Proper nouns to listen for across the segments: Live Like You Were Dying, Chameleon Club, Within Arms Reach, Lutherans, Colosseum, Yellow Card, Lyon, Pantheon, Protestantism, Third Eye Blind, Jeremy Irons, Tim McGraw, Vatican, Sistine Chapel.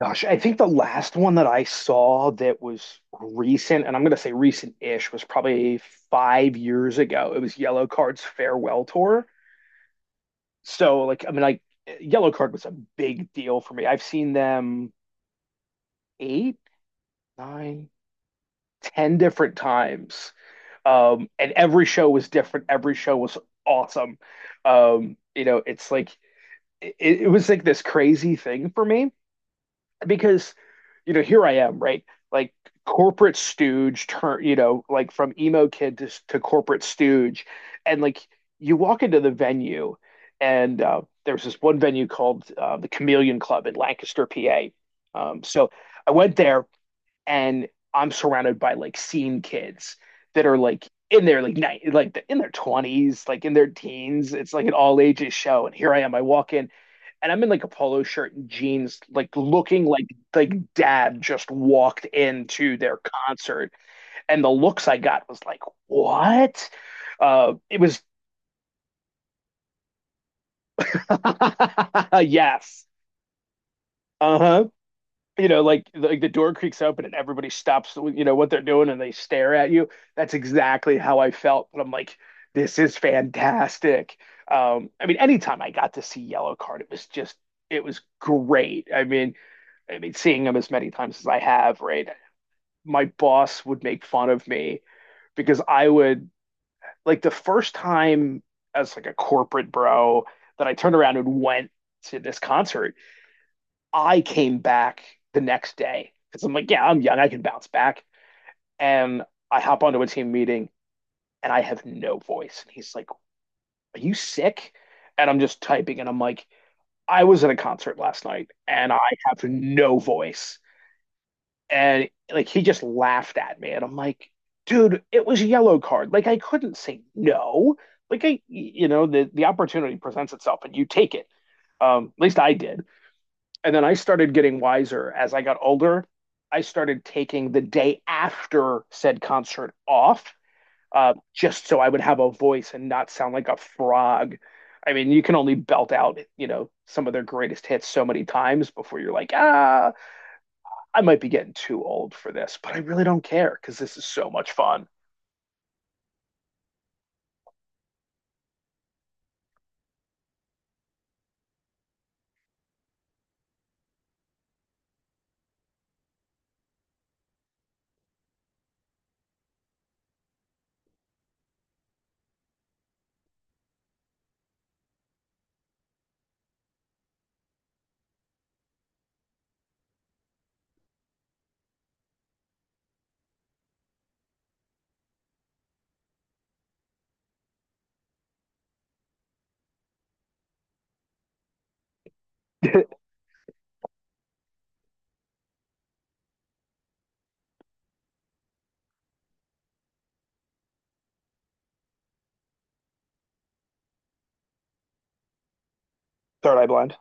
Gosh, I think the last one that I saw that was recent, and I'm going to say recent-ish, was probably 5 years ago. It was Yellow Card's farewell tour. So, like, I mean, like, Yellow Card was a big deal for me. I've seen them eight, nine, ten different times, and every show was different. Every show was awesome. It's like it, it was like this crazy thing for me because here I am, right? Like corporate stooge turn, like from emo kid to corporate stooge, and like you walk into the venue, and there was this one venue called the Chameleon Club in Lancaster, PA. So I went there, and I'm surrounded by like scene kids that are like in their like in their 20s, like in their teens. It's like an all ages show, and here I am, I walk in and I'm in like a polo shirt and jeans, like looking like dad just walked into their concert, and the looks I got was like, what? It was yes, uh huh. Like the door creaks open and everybody stops, you know what they're doing, and they stare at you. That's exactly how I felt. But I'm like, this is fantastic. I mean, anytime I got to see Yellowcard, it was great. I mean, seeing him as many times as I have, right? My boss would make fun of me because I would, like the first time as like a corporate bro that I turned around and went to this concert, I came back the next day because I'm like, yeah, I'm young, I can bounce back. And I hop onto a team meeting and I have no voice. And he's like, Are you sick? And I'm just typing and I'm like, I was at a concert last night and I have no voice. And like he just laughed at me, and I'm like, dude, it was a Yellow Card, like I couldn't say no. Like I, the opportunity presents itself and you take it. At least I did. And then I started getting wiser as I got older. I started taking the day after said concert off, just so I would have a voice and not sound like a frog. I mean you can only belt out some of their greatest hits so many times before you're like, ah, I might be getting too old for this, but I really don't care because this is so much fun. Third Eye Blind.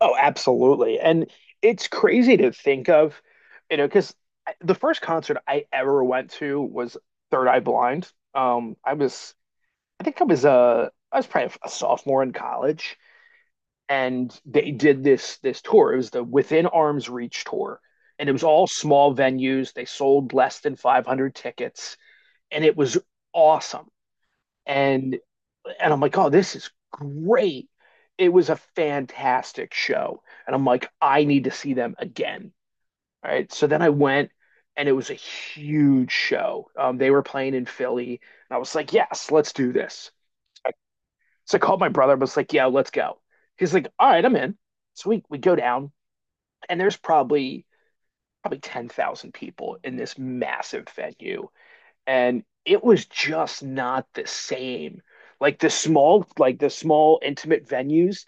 Oh, absolutely. And it's crazy to think of because the first concert I ever went to was Third Eye Blind. I think I was probably a sophomore in college, and they did this tour. It was the Within Arms Reach tour, and it was all small venues. They sold less than 500 tickets, and it was awesome. And And I'm like, oh, this is great. It was a fantastic show. And I'm like, I need to see them again. All right. So then I went and it was a huge show. They were playing in Philly. And I was like, yes, let's do this. So I called my brother, but was like, yeah, let's go. He's like, all right, I'm in. So we go down and there's probably 10,000 people in this massive venue, and it was just not the same. Like the small intimate venues,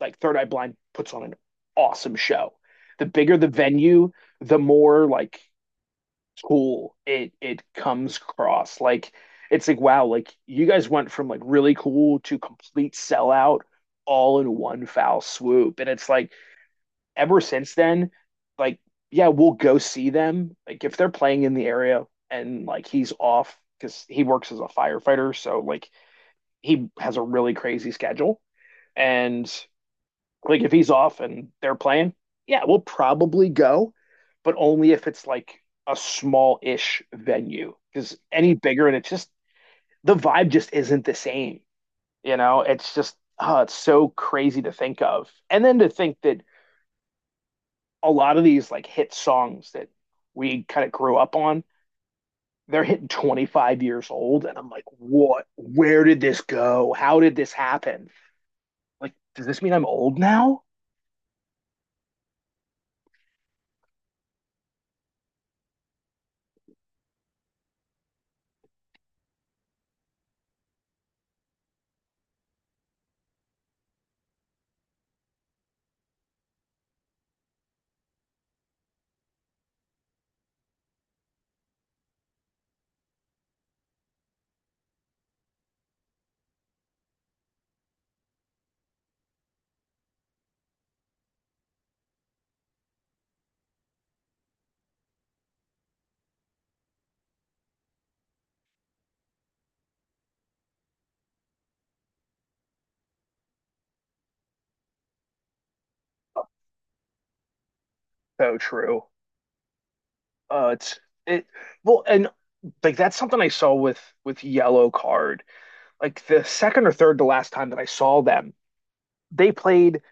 like Third Eye Blind puts on an awesome show. The bigger the venue, the more like cool it comes across. Like it's like, wow, like you guys went from like really cool to complete sellout all in one foul swoop, and it's like ever since then, like, yeah, we'll go see them. Like, if they're playing in the area, and like he's off because he works as a firefighter, so like he has a really crazy schedule. And like, if he's off and they're playing, yeah, we'll probably go, but only if it's like a small ish venue, because any bigger and it's just the vibe just isn't the same. It's just, oh, it's so crazy to think of. And then to think that a lot of these like hit songs that we kind of grew up on, they're hitting 25 years old. And I'm like, what? Where did this go? How did this happen? Like, does this mean I'm old now? So true. It's it well and like that's something I saw with Yellow Card, like the second or third to last time that I saw them. They played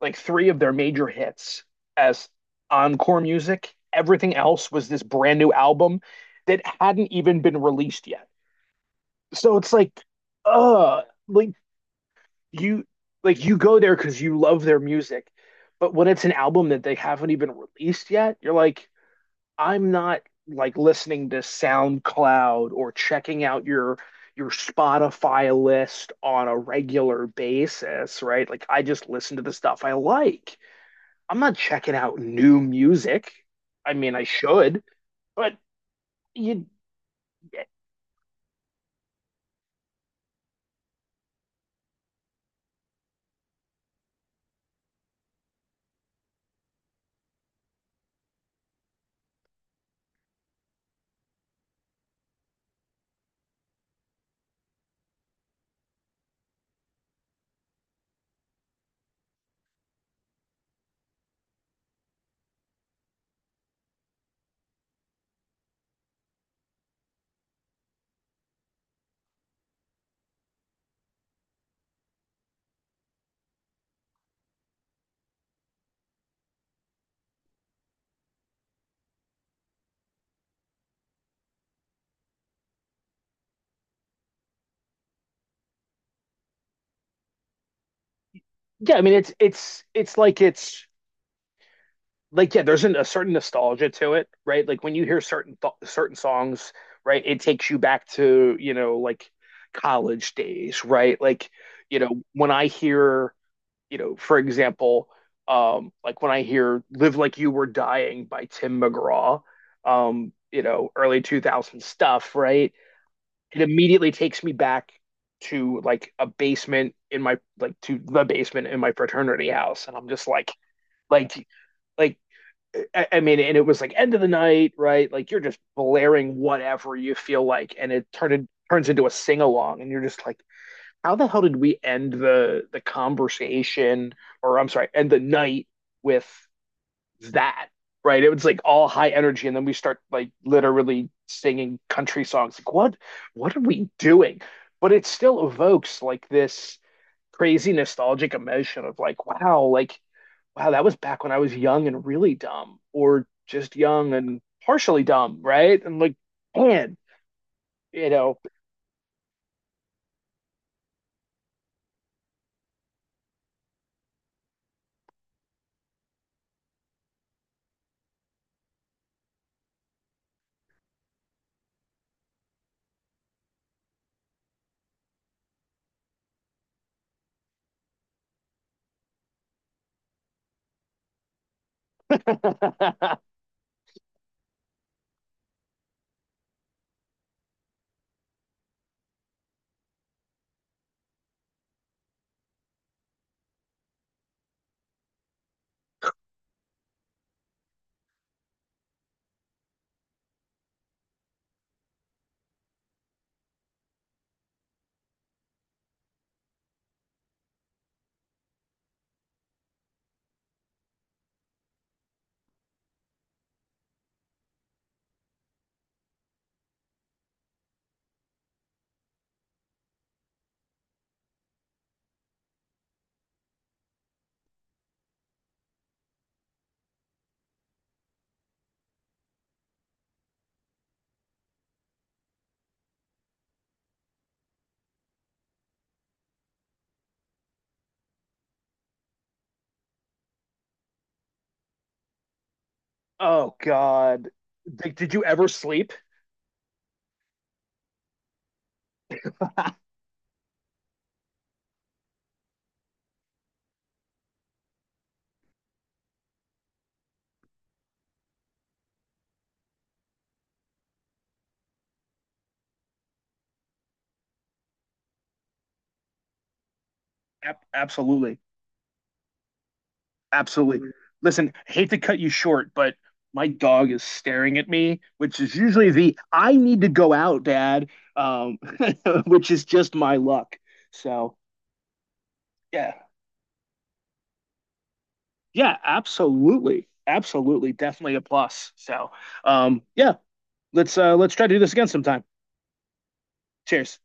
like three of their major hits as encore music. Everything else was this brand new album that hadn't even been released yet. So it's uh, like you like you go there because you love their music, but when it's an album that they haven't even released yet, you're like, I'm not like listening to SoundCloud or checking out your Spotify list on a regular basis, right? Like I just listen to the stuff I like. I'm not checking out new music. I mean, I should, but you, yeah, I mean, it's like, yeah, there's a certain nostalgia to it, right? Like when you hear certain certain songs, right? It takes you back to like college days, right? Like when I hear, you know, for example, like when I hear "Live Like You Were Dying" by Tim McGraw, early 2000 stuff, right? It immediately takes me back to the basement in my fraternity house, and I'm just like like like, I mean, and it was like end of the night, right? Like you're just blaring whatever you feel like, and it turned turns into a sing along, and you're just like, how the hell did we end the conversation, or I'm sorry, end the night with that, right? It was like all high energy, and then we start like literally singing country songs. Like what are we doing? But it still evokes like this crazy nostalgic emotion of like wow, that was back when I was young and really dumb, or just young and partially dumb, right? And like, man, you know, oh God. Like, did you ever sleep? Ab- absolutely. Absolutely. Listen, I hate to cut you short, but my dog is staring at me, which is usually the I need to go out, Dad, um, which is just my luck. So, yeah. Yeah, absolutely. Absolutely. Definitely a plus. So, yeah, let's try to do this again sometime. Cheers.